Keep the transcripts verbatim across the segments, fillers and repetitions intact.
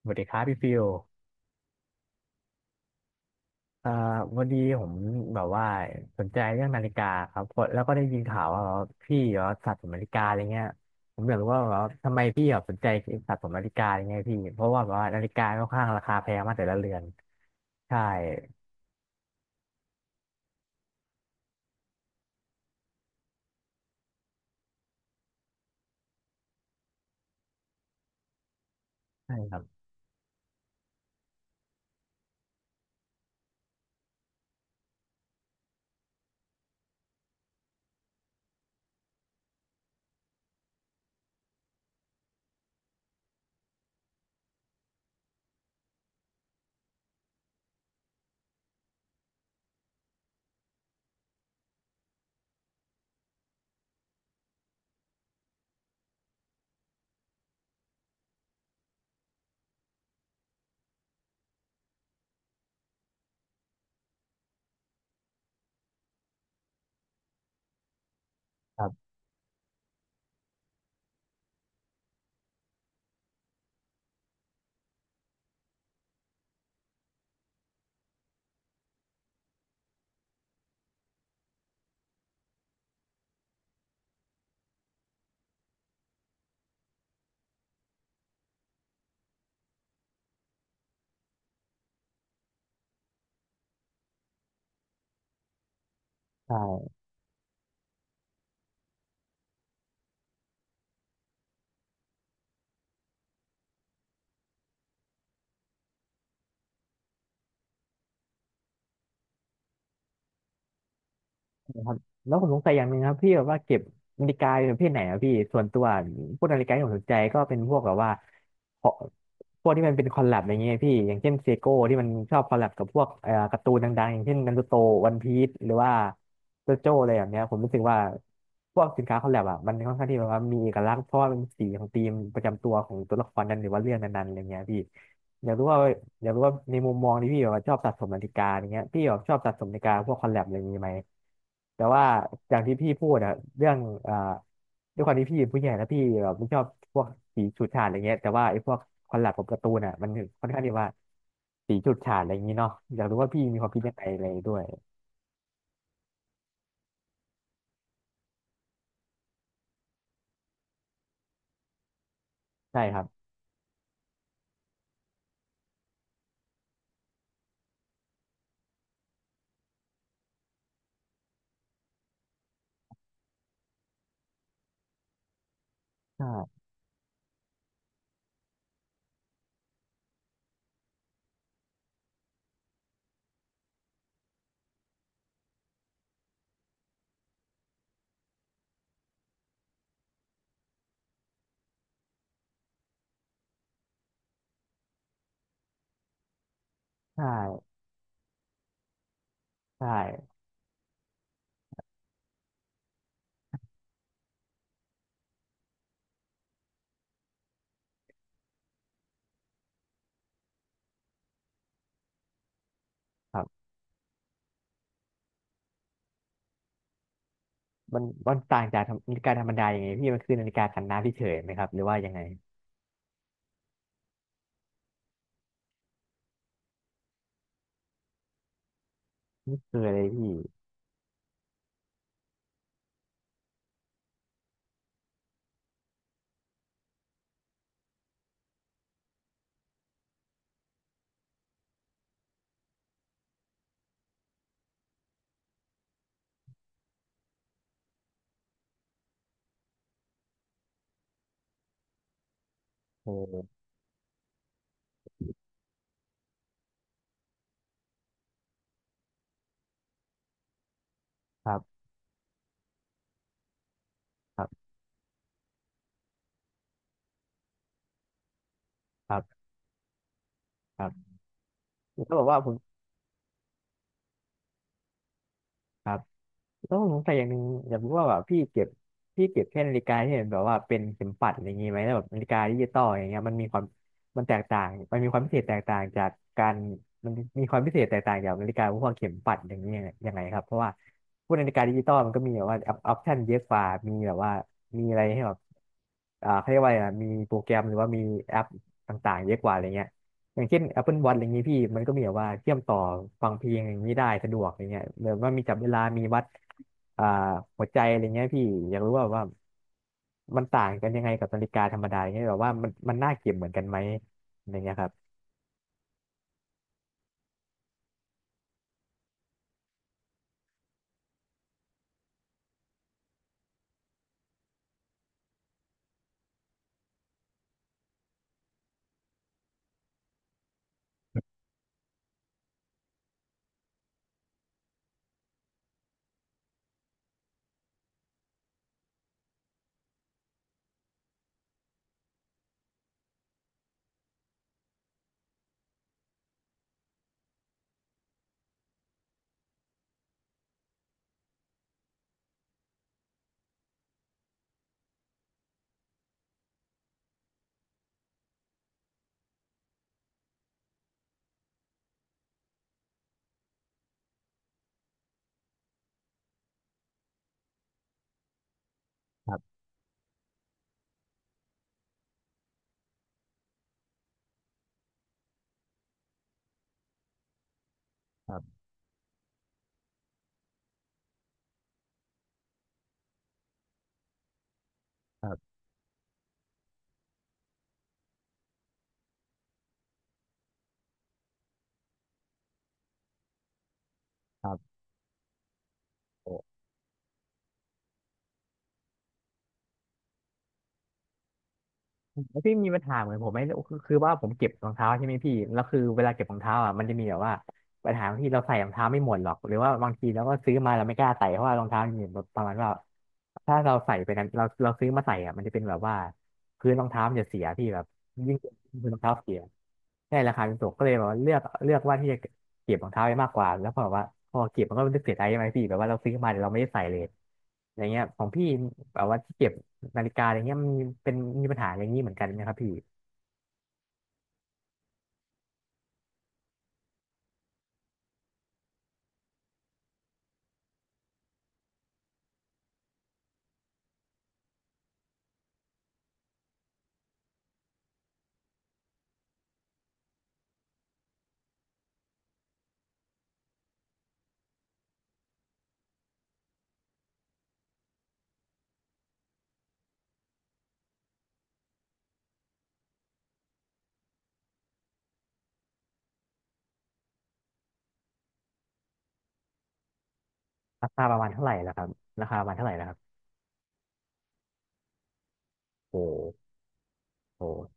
สวัสดีครับพี่ฟิลเอ่อวันนี้ผมแบบว่าสนใจเรื่องนาฬิกาครับเพราะแล้วก็ได้ยินข่าวว่าพี่เหรอสะสมนาฬิกาอะไรเงี้ยผมอยากรู้ว่าแบบว่าทำไมพี่แบบสนใจสะสมนาฬิกาอะไรเงี้ยพี่เพราะว่าแบบว่านาฬิกาค่อนข้างราคาแพงมากแต่ละเรือนใช่ใช่ครับครับใช่ นะครับแล้วผมสงสัยอย่างหนึ่งครับพี่แบบว่าเก็บนาฬิกาเป็นประเภทไหนอะพี่ส่วนตัวพวกนาฬิกาที่ผมสนใจก็เป็นพวกแบบว่าพวกพวกที่มันเป็นคอลแลบอย่างเงี้ยพี่อย่างเช่นเซโก้ที่มันชอบคอลแลบกับพวกเอ่อการ์ตูนดังๆอย่างเช่นนารูโตวันพีซหรือว่าโจโจ้อะไรแบบเนี้ยผมรู้สึกว่าพวกสินค้าคอลแลบอะมันค่อนข้างที่แบบว่ามีเอกลักษณ์เพราะว่ามันสีของธีมประจำตัวของตัวละครนั้นหรือว่าเรื่องนั้นๆอะไรเงี้ยพี่ อยากรู้ว่าอยากรู้ว่าในมุมมองที่พี่แบบว่าชอบสะสมนาฬิกาอย่างเงี้ยพี่แบบชอบสะสมนาฬิกาพวกคอลแลบอะไรอย่างงี้ไหมแต่ว่าอย่างที่พี่พูดอะเรื่องอ่าด้วยความที่พี่เป็นผู้ใหญ่แล้วพี่แบบไม่ชอบพวกสีฉูดฉาดอะไรเงี้ยแต่ว่าไอ้พวกคอลแลบกับการ์ตูนอะมันค่อนข้างที่ว่าสีฉูดฉาดอะไรอย่างงี้เนาะอยากรู้ว่าพี่มีความคิดยังไงอะไรด้วยใช่ครับใช่ใช่ใช่ครับมันมันต่างจากนาฬิกาธรรมดายังไงพี่มันคือนาฬิกากันน้ำเฉยๆไหมครับหรือว่ายังไงไม่เคยเลยพี่โอ้ครับ ครับครับครับแล้วแบบว่าผมครับแล้วผมสงสัยอย่างหนึ่งอยากรู้ว่าแบบพี่เก็บพี่เก็บแค่นาฬิกาที่เห็นแบบว่าเป็นเข็มปัดอะไรอย่างงี้ไหมแล้วแบบนาฬิกาดิจิตอลอย่างเงี้ยมันมีความมันแตกต่างมันมีความพิเศษแตกต่างจากการมันมีความพิเศษแตกต่างจากนาฬิกาพวกเข็มปัดอย่างเงี้ยยังไงครับเพราะว่าพวกนาฬิกาดิจิตอลมันก็มีแบบว่าออปชั่นเยอะกว่ามีแบบว่ามีอะไรให้แบบอ่าเขาเรียกว่าอะไรนะมีโปรแกรมหรือว่ามีแอปต่างๆเยอะกว่าอะไรเงี้ย อย่างเช่น Apple Watch อะไรอย่างนี้พี่มันก็มีแบบว่าเชื่อมต่อฟังเพลงอย่างนี้ได้สะดวกอย่างเงี้ยเหมือนว่ามีจับเวลามีวัดอ่าหัวใจอะไรเงี้ยพี่อยากรู้ว่าว่ามันต่างกันยังไงกับนาฬิกาธรรมดาอย่างเงี้ยแบบว่ามันมันน่าเก็บเหมือนกันไหมอะไรเงี้ยครับครับครับครับโอ้ แล้วพี่มีปัญหาเหมือนผมไหมคือคือว่าผมเก็บรองเท้าใช่ไหมพี่แล้วคือเวลาเก็บรองเท้าอ่ะมันจะมีแบบว่าปัญหาที่เราใส่รองเท้าไม่หมดหรอกหรือว่าบางทีเราก็ซื้อมาเราไม่กล้าใส่เพราะว่ารองเท้ามันมีแบบประมาณว่าถ้าเราใส่ไปนั้นเราเราซื้อมาใส่อ่ะมันจะเป็นแบบว่าพื้นรองเท้ามันจะเสียพี่แบบ ยิ่งเก็บงรองเท้าเสียได้ราคาเป็นตกก็เลยแบบว่าเลือกเลือกว่าที่จะเก็บรองเท้าไว้มากกว่าแล้วพอแบบว่าพอเก็บมันก็รู้สึกเสียดายใช่ไหมพี่แบบว่าเราซื้อมาแต่เราไม่ได้ใส่เลยอย่างเงี้ยของพี่แบบว่าที่เก็บนาฬิกาอะไรเงี้ยมันมีเป็นมีปัญหาอย่างนี้เหมือนกันไหมครับพี่ราคาประมาณเท่าไหร่ล่ะครับราคาประมาณเท่าไหร่ล่ะครับโอ้โห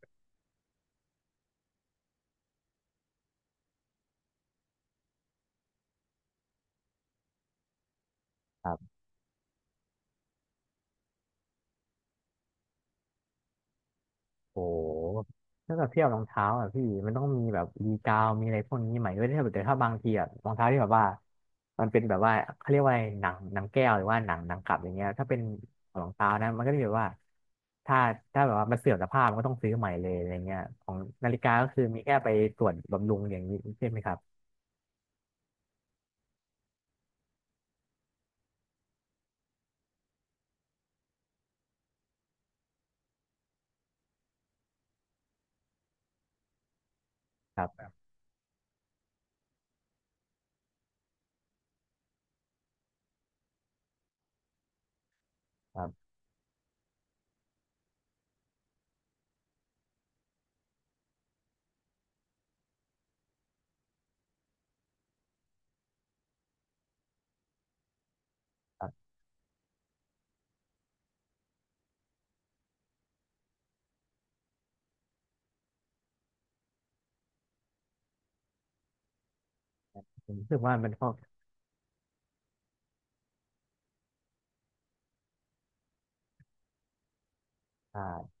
ครับ โอ้ถ้าแบบเทียบรองเท้าอ่ะพี่มันต้องมีแบบรีกาวมีอะไรพวกนี้ใหม่ด้วยถ้าแบบแต่ถ้าบางทีอ่ะรองเท้าที่แบบว่ามันเป็นแบบว่าเขาเรียกว่าอะไรหนังหนังแก้วหรือว่าหนังหนังกลับอย่างเงี้ยถ้าเป็นรองเท้านะมันก็จะแบบว่าถ้าถ้าแบบว่ามันเสื่อมสภาพมันก็ต้องซื้อใหม่เลยอะไรเงี้ยของนาฬิกาก็คือมีแค่ไปตรวจบำรุงอย่างนี้ใช่ไหมครับครับครับผมรู้สึกว่ามันก็อ่า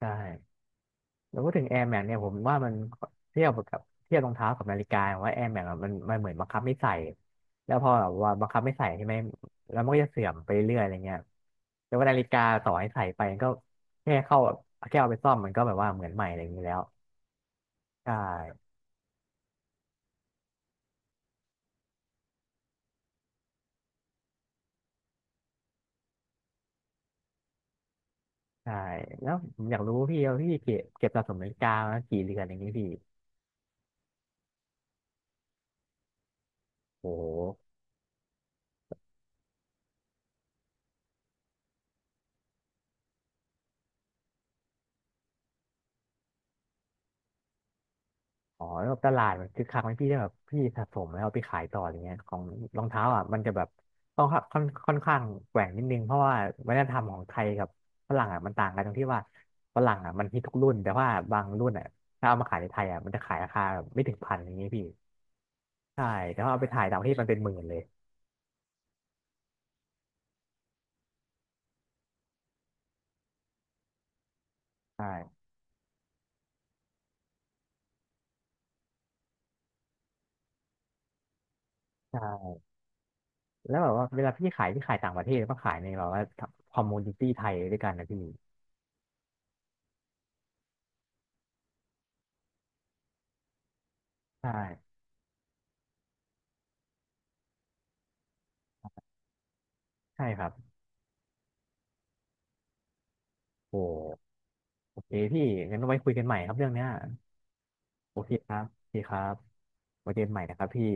ใช่ แล้วพูดถึง Air Max เนี่ยผมว่ามันเทียบกับเทียบรองเท้ากับนาฬิกาว่า Air Max อะมันมันเหมือนบังคับไม่ใส่แล้วพอแบบว่าบังคับไม่ใส่ใช่ไหมแล้วมันก็จะเสื่อมไปเรื่อยอะไรเงี้ยแต่ว่านาฬิกาต่อให้ใส่ไปก็แค่เข้าแค่เอาไปซ่อมมันก็แบบว่าเหมือนใหม่อะไรอย่างนี้แล้วใช่ใช่แล้วผมอยากรู้พี่ว่าพี่เก็บเก็บสะสมนาฬิกามากี่เรือนอย่างนี้พี่โอ้โห อ๋อแล้วแบบตลาดมันคือคักไหมพี่ได้แบบพี่สะสมแล้วเอาไปขายต่ออะไรเงี้ยของรองเท้าอ่ะมันจะแบบต้องค่อนค่อนข้างแกว่งนิดนึงเพราะว่าวัฒนธรรมของไทยกับฝรั่งอ่ะมันต่างกันตรงที่ว่าฝรั่งอ่ะมันฮิตทุกรุ่นแต่ว่าบางรุ่นอ่ะถ้าเอามาขายในไทยอ่ะมันจะขายราคาแบบไม่ถึงพันอย่างเงี้ยพี่ใช่แต่ว่าเอาไปขายต่างประเทศมันเป็นหมื่นเลยใช่ใช่แล้วแบบว่าเวลาพี่ขายพี่ขายต่างประเทศก็ขายในแบบว่าคอมมูนิตี้ไทยด้วยกันนะพี่ใช่ใช่ครับโอ้โอเคพี่งั้นไว้คุยกันใหม่ครับเรื่องเนี้ย โอเคครับโอเคครับไว้เจอกันใหม่นะครับพี่